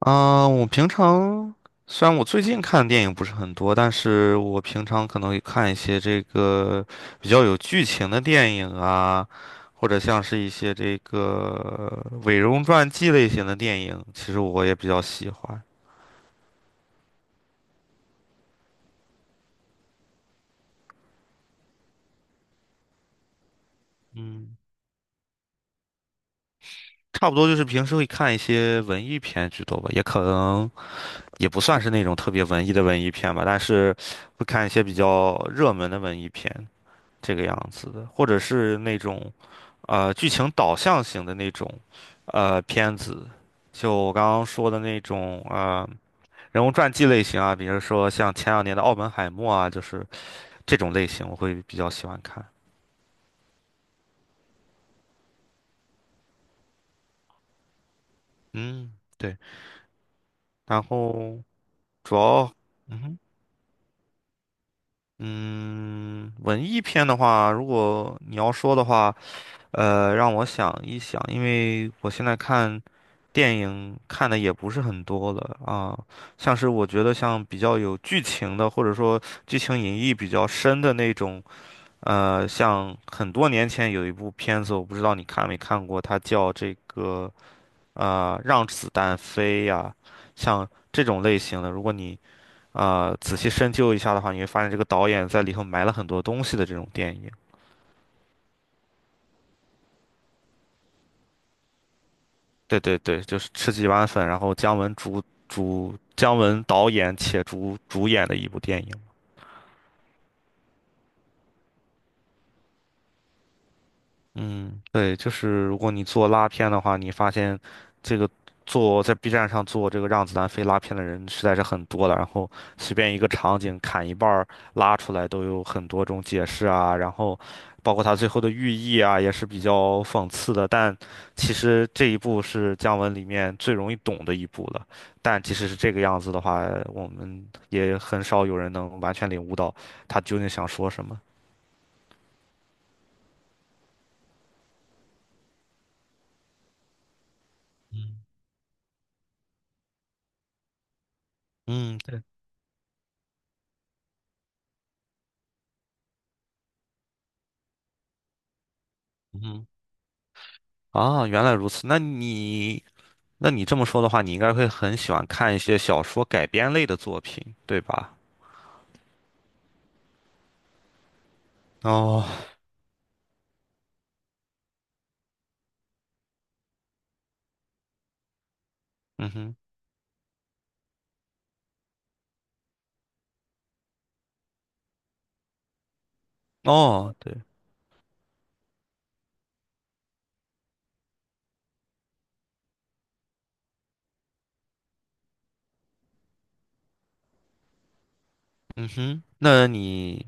我平常虽然我最近看的电影不是很多，但是我平常可能会看一些这个比较有剧情的电影啊，或者像是一些这个伪容传记类型的电影，其实我也比较喜欢。差不多就是平时会看一些文艺片居多吧，也可能也不算是那种特别文艺的文艺片吧，但是会看一些比较热门的文艺片，这个样子的，或者是那种。剧情导向型的那种，片子，就我刚刚说的那种，人物传记类型啊，比如说像前两年的《奥本海默》啊，就是这种类型，我会比较喜欢看。嗯，对。然后主要，嗯哼。嗯，文艺片的话，如果你要说的话，让我想一想，因为我现在看。电影看的也不是很多了啊，像是我觉得像比较有剧情的，或者说剧情隐喻比较深的那种，像很多年前有一部片子，我不知道你看没看过，它叫这个《让子弹飞》呀，像这种类型的，如果你仔细深究一下的话，你会发现这个导演在里头埋了很多东西的这种电影。对对对，就是吃几碗粉，然后姜文姜文导演且主演的一部电影。嗯，对，就是如果你做拉片的话，你发现这个做在 B 站上做这个让子弹飞拉片的人实在是很多了，然后随便一个场景砍一半儿拉出来都有很多种解释啊，然后包括它最后的寓意啊也是比较讽刺的，但其实这一步是姜文里面最容易懂的一步了，但即使是这个样子的话，我们也很少有人能完全领悟到他究竟想说什么。嗯。嗯，对。嗯。啊，原来如此。那你这么说的话，你应该会很喜欢看一些小说改编类的作品，对吧？哦。嗯哼。哦，对。嗯哼。那你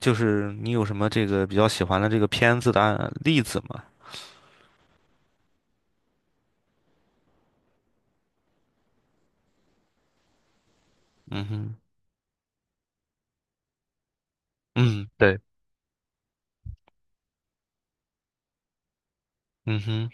就是你有什么这个比较喜欢的这个片子的案例子吗？嗯哼。嗯，对。嗯哼。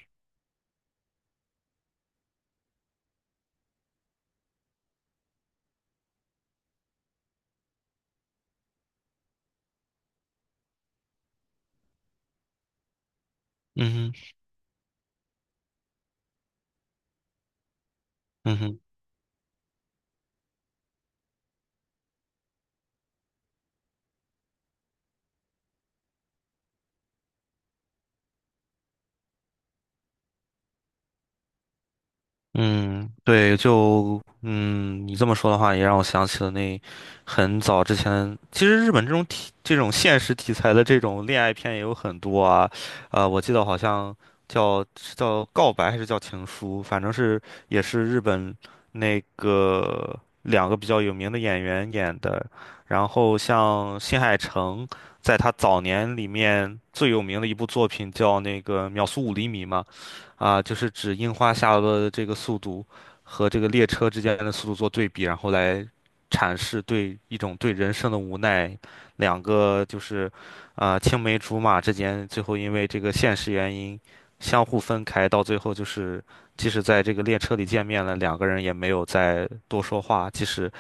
嗯哼。嗯哼。嗯，对，就嗯，你这么说的话，也让我想起了那很早之前，其实日本这种题、这种现实题材的这种恋爱片也有很多啊。我记得好像叫是叫告白还是叫情书，反正是也是日本那个两个比较有名的演员演的。然后像新海诚，在他早年里面最有名的一部作品叫那个《秒速五厘米》嘛。啊，就是指樱花下落的这个速度和这个列车之间的速度做对比，然后来阐释对一种对人生的无奈，两个就是青梅竹马之间最后因为这个现实原因相互分开，到最后就是即使在这个列车里见面了，两个人也没有再多说话，即使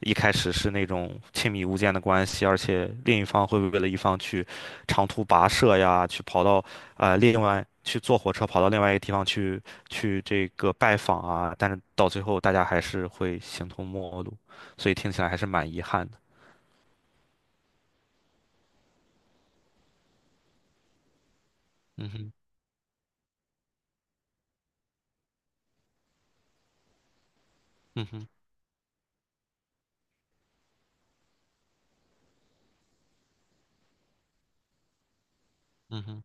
一开始是那种亲密无间的关系，而且另一方会为了一方去长途跋涉呀，去跑到另外去坐火车跑到另外一个地方去去这个拜访啊，但是到最后大家还是会形同陌路，所以听起来还是蛮遗憾的。嗯哼。嗯哼。嗯哼。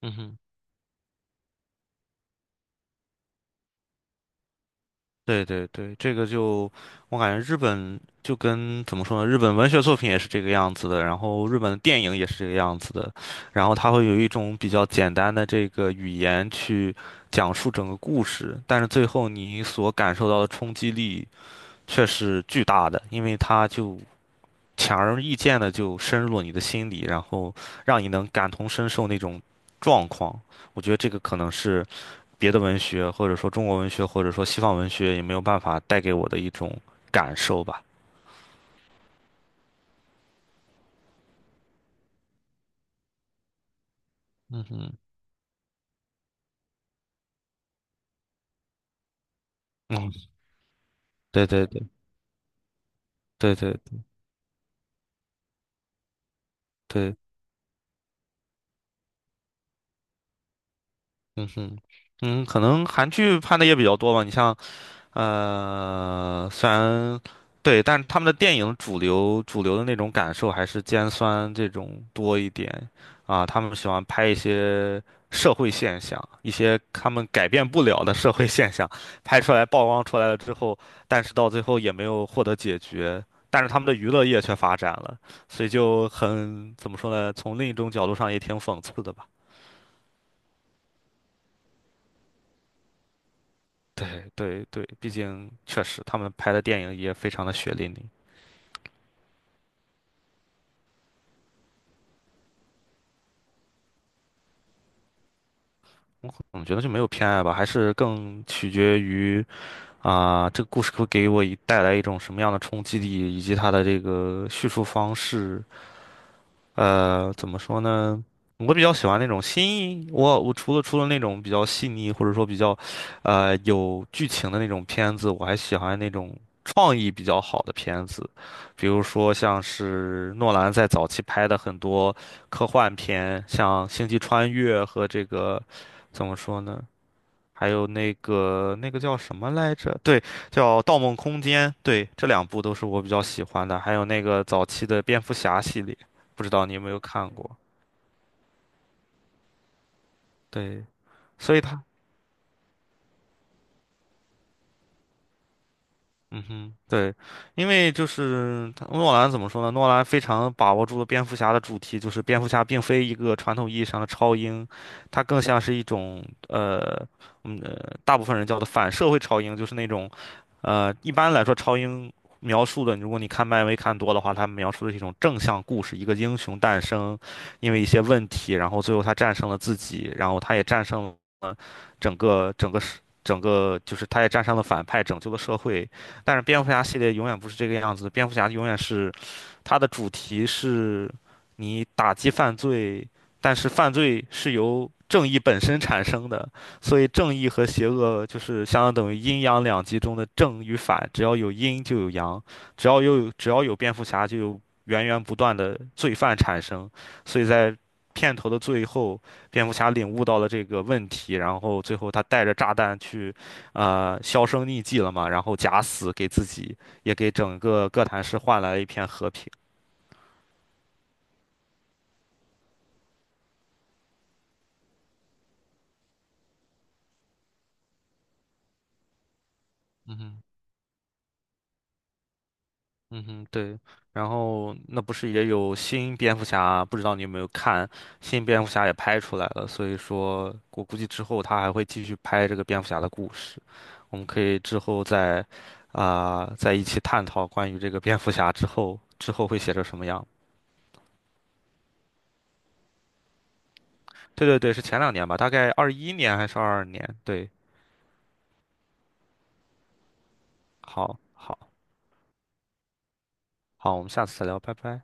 嗯哼。对对对，这个就我感觉日本就跟怎么说呢，日本文学作品也是这个样子的，然后日本的电影也是这个样子的，然后它会有一种比较简单的这个语言去讲述整个故事，但是最后你所感受到的冲击力却是巨大的，因为它就强而易见的就深入了你的心里，然后让你能感同身受那种状况，我觉得这个可能是。别的文学，或者说中国文学，或者说西方文学，也没有办法带给我的一种感受吧。嗯哼。嗯，对。对对对对对。嗯哼。嗯，可能韩剧拍的也比较多吧。你像虽然对，但是他们的电影主流的那种感受还是尖酸这种多一点啊，他们喜欢拍一些社会现象，一些他们改变不了的社会现象，拍出来曝光出来了之后，但是到最后也没有获得解决，但是他们的娱乐业却发展了，所以就很，怎么说呢，从另一种角度上也挺讽刺的吧。对对对，毕竟确实他们拍的电影也非常的血淋淋。我觉得就没有偏爱吧，还是更取决于这个故事会给我一带来一种什么样的冲击力，以及它的这个叙述方式。呃，怎么说呢？我比较喜欢那种我除了那种比较细腻或者说比较，有剧情的那种片子，我还喜欢那种创意比较好的片子，比如说像是诺兰在早期拍的很多科幻片，像《星际穿越》和这个怎么说呢？还有那个叫什么来着？对，叫《盗梦空间》。对，这两部都是我比较喜欢的。还有那个早期的蝙蝠侠系列，不知道你有没有看过？对，所以它。嗯哼。对，因为就是他诺兰怎么说呢？诺兰非常把握住了蝙蝠侠的主题，就是蝙蝠侠并非一个传统意义上的超英，它更像是一种呃，大部分人叫做反社会超英，就是那种一般来说超英描述的，如果你看漫威看多的话，它描述的是一种正向故事，一个英雄诞生，因为一些问题，然后最后他战胜了自己，然后他也战胜了整个整个世。整个就是他也战胜了反派，拯救了社会，但是蝙蝠侠系列永远不是这个样子，蝙蝠侠永远是它的主题是你打击犯罪，但是犯罪是由正义本身产生的，所以正义和邪恶就是相当于阴阳两极中的正与反，只要有阴就有阳，只要有蝙蝠侠就有源源不断的罪犯产生，所以在。片头的最后，蝙蝠侠领悟到了这个问题，然后最后他带着炸弹去销声匿迹了嘛，然后假死给自己也给整个哥谭市换来了一片和平。嗯哼。嗯哼。对，然后那不是也有新蝙蝠侠？不知道你有没有看，新蝙蝠侠也拍出来了，所以说我估计之后他还会继续拍这个蝙蝠侠的故事，我们可以之后再在一起探讨关于这个蝙蝠侠之后会写成什么样。对对对，是前两年吧，大概21年还是22年？对，好，好，好，我们下次再聊，拜拜。